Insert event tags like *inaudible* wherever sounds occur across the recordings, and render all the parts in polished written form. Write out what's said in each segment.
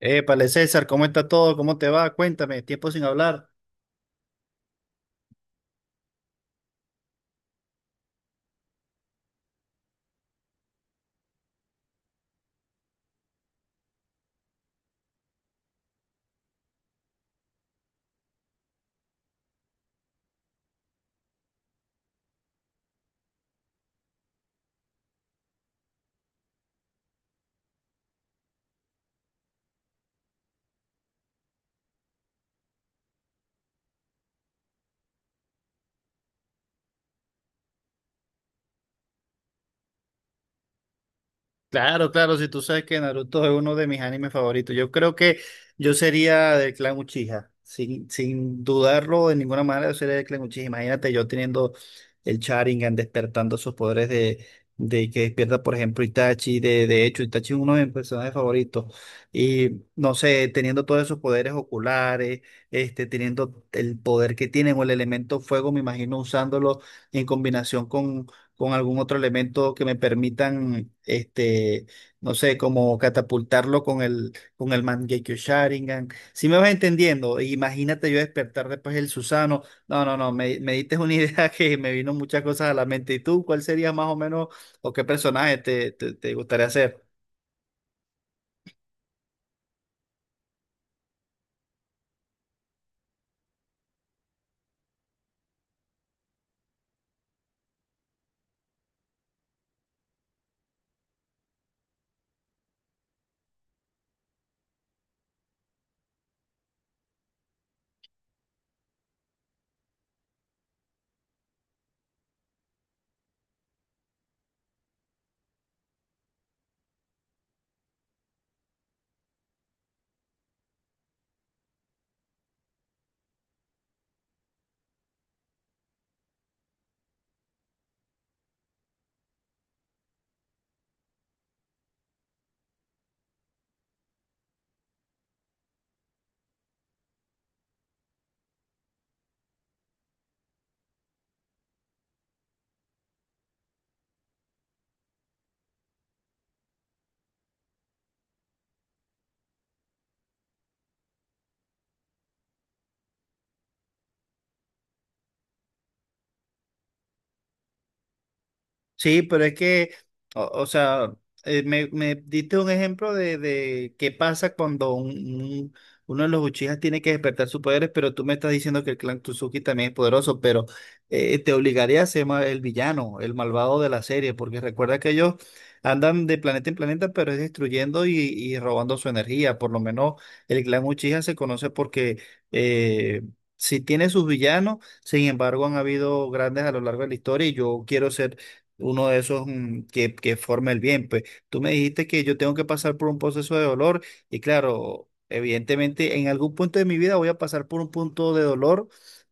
Épale, César, ¿cómo está todo? ¿Cómo te va? Cuéntame, tiempo sin hablar. Claro, claro, si tú sabes que Naruto es uno de mis animes favoritos, yo creo que yo sería del clan Uchiha, sin dudarlo de ninguna manera, yo sería del clan Uchiha. Imagínate yo teniendo el Sharingan, despertando sus poderes de que despierta, por ejemplo, Itachi, de hecho, Itachi es uno de mis personajes favoritos, y no sé, teniendo todos esos poderes oculares, este, teniendo el poder que tienen o el elemento fuego, me imagino usándolo en combinación con algún otro elemento que me permitan, este, no sé, como catapultarlo con el Mangekyo Sharingan. Si me vas entendiendo, e imagínate yo despertar después el Susano. No, no, no, me diste una idea *laughs* que me vino muchas cosas a la mente. ¿Y tú cuál sería más o menos o qué personaje te gustaría hacer? Sí, pero es que, o sea, me diste un ejemplo de qué pasa cuando un- uno de los Uchijas tiene que despertar sus poderes, pero tú me estás diciendo que el clan Tsuki también es poderoso, pero te obligaría a ser el villano, el malvado de la serie, porque recuerda que ellos andan de planeta en planeta, pero es destruyendo y robando su energía. Por lo menos el clan Uchiha se conoce porque eh, si tiene sus villanos, sin embargo, han habido grandes a lo largo de la historia y yo quiero ser uno de esos que forma el bien. Pues tú me dijiste que yo tengo que pasar por un proceso de dolor y claro, evidentemente en algún punto de mi vida voy a pasar por un punto de dolor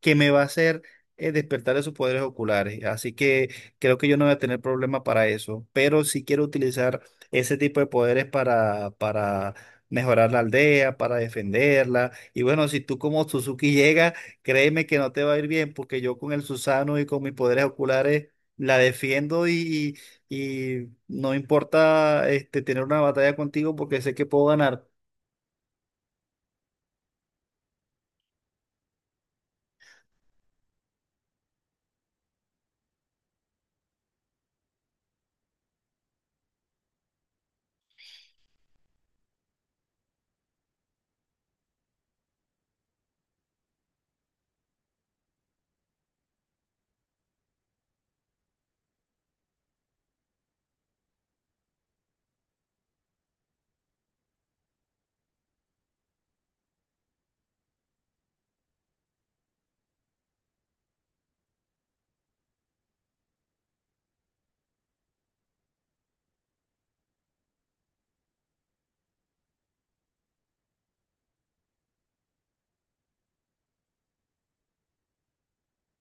que me va a hacer despertar esos poderes oculares. Así que creo que yo no voy a tener problema para eso, pero sí quiero utilizar ese tipo de poderes para mejorar la aldea, para defenderla. Y bueno, si tú como Suzuki *laughs* llegas, créeme que no te va a ir bien porque yo con el Susano y con mis poderes oculares la defiendo y no importa este, tener una batalla contigo porque sé que puedo ganar.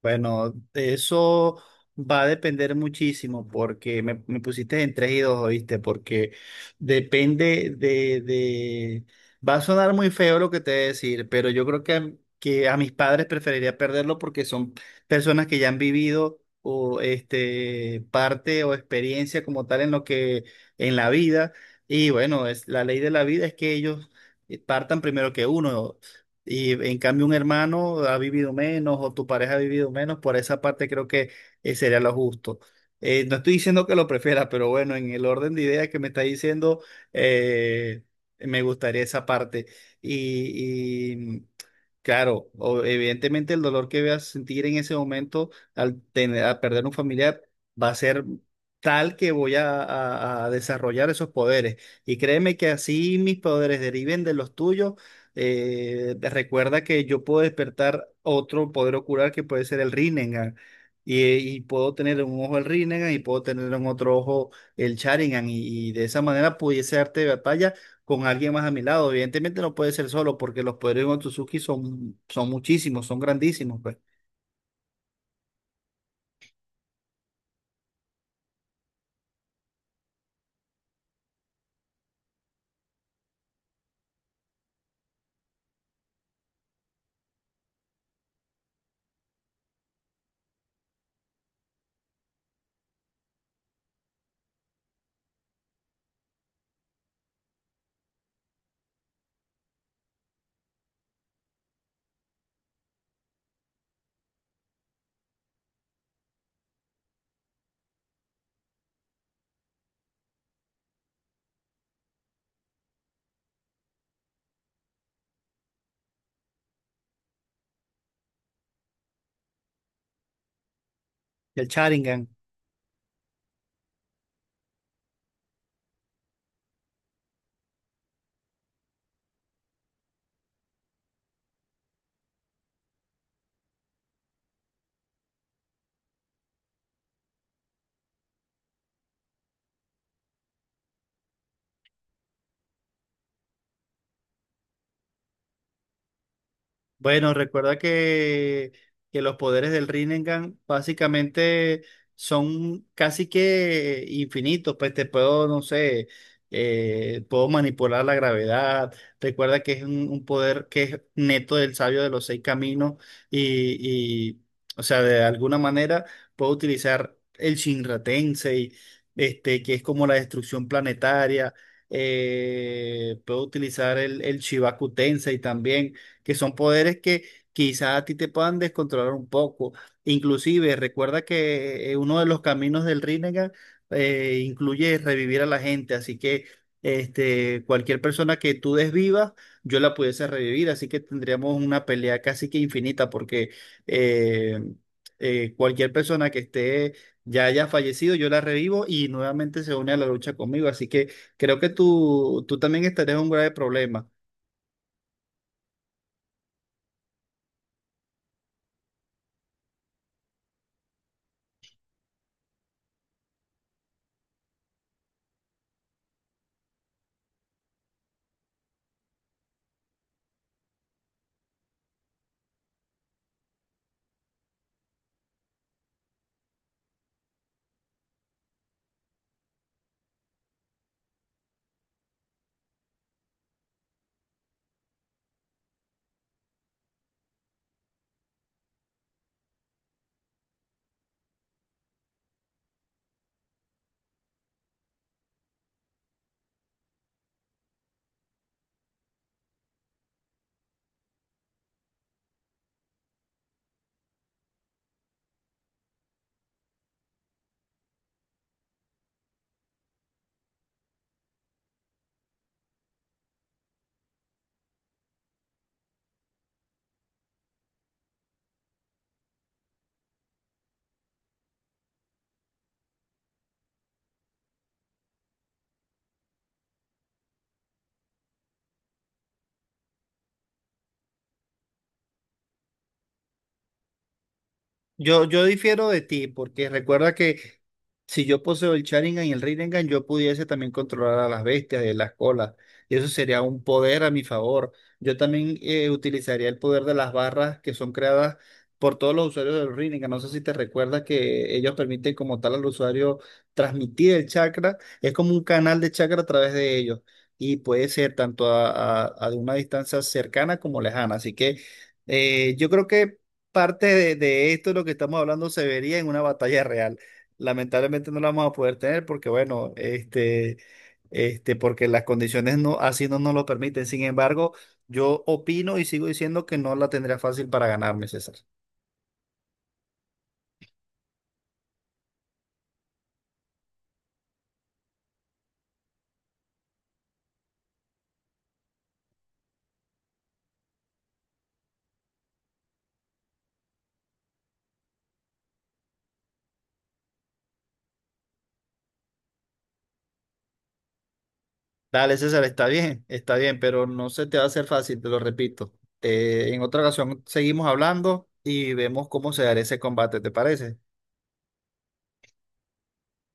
Bueno, de eso va a depender muchísimo porque me pusiste en tres y dos, ¿oíste? Porque depende de... Va a sonar muy feo lo que te voy a decir, pero yo creo que, que a mis padres preferiría perderlo porque son personas que ya han vivido o este, parte o experiencia como tal en lo que, en la vida. Y bueno, es, la ley de la vida es que ellos partan primero que uno. Y en cambio un hermano ha vivido menos o tu pareja ha vivido menos, por esa parte creo que sería lo justo. No estoy diciendo que lo prefiera, pero bueno, en el orden de ideas que me está diciendo, eh, me gustaría esa parte. Y, claro, evidentemente el dolor que voy a sentir en ese momento al tener, a perder un familiar va a ser tal que voy a, a desarrollar esos poderes. Y créeme que así mis poderes deriven de los tuyos. Recuerda que yo puedo despertar otro poder ocular que puede ser el Rinnegan. Y puedo tener en un ojo el Rinnegan y puedo tener en otro ojo el Sharingan. Y de esa manera pudiese darte batalla con alguien más a mi lado. Evidentemente no puede ser solo porque los poderes de Otsutsuki son, son muchísimos, son grandísimos, pues. El Sharingan. Bueno, recuerda que los poderes del Rinnegan básicamente son casi que infinitos, pues te puedo, no sé, puedo manipular la gravedad, recuerda que es un poder que es neto del sabio de los seis caminos y, o sea, de alguna manera puedo utilizar el Shinra Tensei, este, que es como la destrucción planetaria, puedo utilizar el Shibaku Tensei también que son poderes que quizás a ti te puedan descontrolar un poco. Inclusive, recuerda que uno de los caminos del Rinnegan incluye revivir a la gente, así que este, cualquier persona que tú desvivas, yo la pudiese revivir, así que tendríamos una pelea casi que infinita, porque eh, cualquier persona que esté ya haya fallecido, yo la revivo y nuevamente se une a la lucha conmigo, así que creo que tú también estarías en un grave problema. Yo difiero de ti, porque recuerda que si yo poseo el Sharingan y el Rinnegan, yo pudiese también controlar a las bestias y las colas. Y eso sería un poder a mi favor. Yo también utilizaría el poder de las barras que son creadas por todos los usuarios del Rinnegan. No sé si te recuerdas que ellos permiten como tal al usuario transmitir el chakra. Es como un canal de chakra a través de ellos. Y puede ser tanto a, a de una distancia cercana como lejana. Así que yo creo que parte de esto, lo que estamos hablando, se vería en una batalla real. Lamentablemente no la vamos a poder tener porque, bueno, porque las condiciones no, así no nos lo permiten. Sin embargo, yo opino y sigo diciendo que no la tendría fácil para ganarme, César. Dale, César, está bien, pero no se te va a hacer fácil, te lo repito. En otra ocasión seguimos hablando y vemos cómo se dará ese combate, ¿te parece?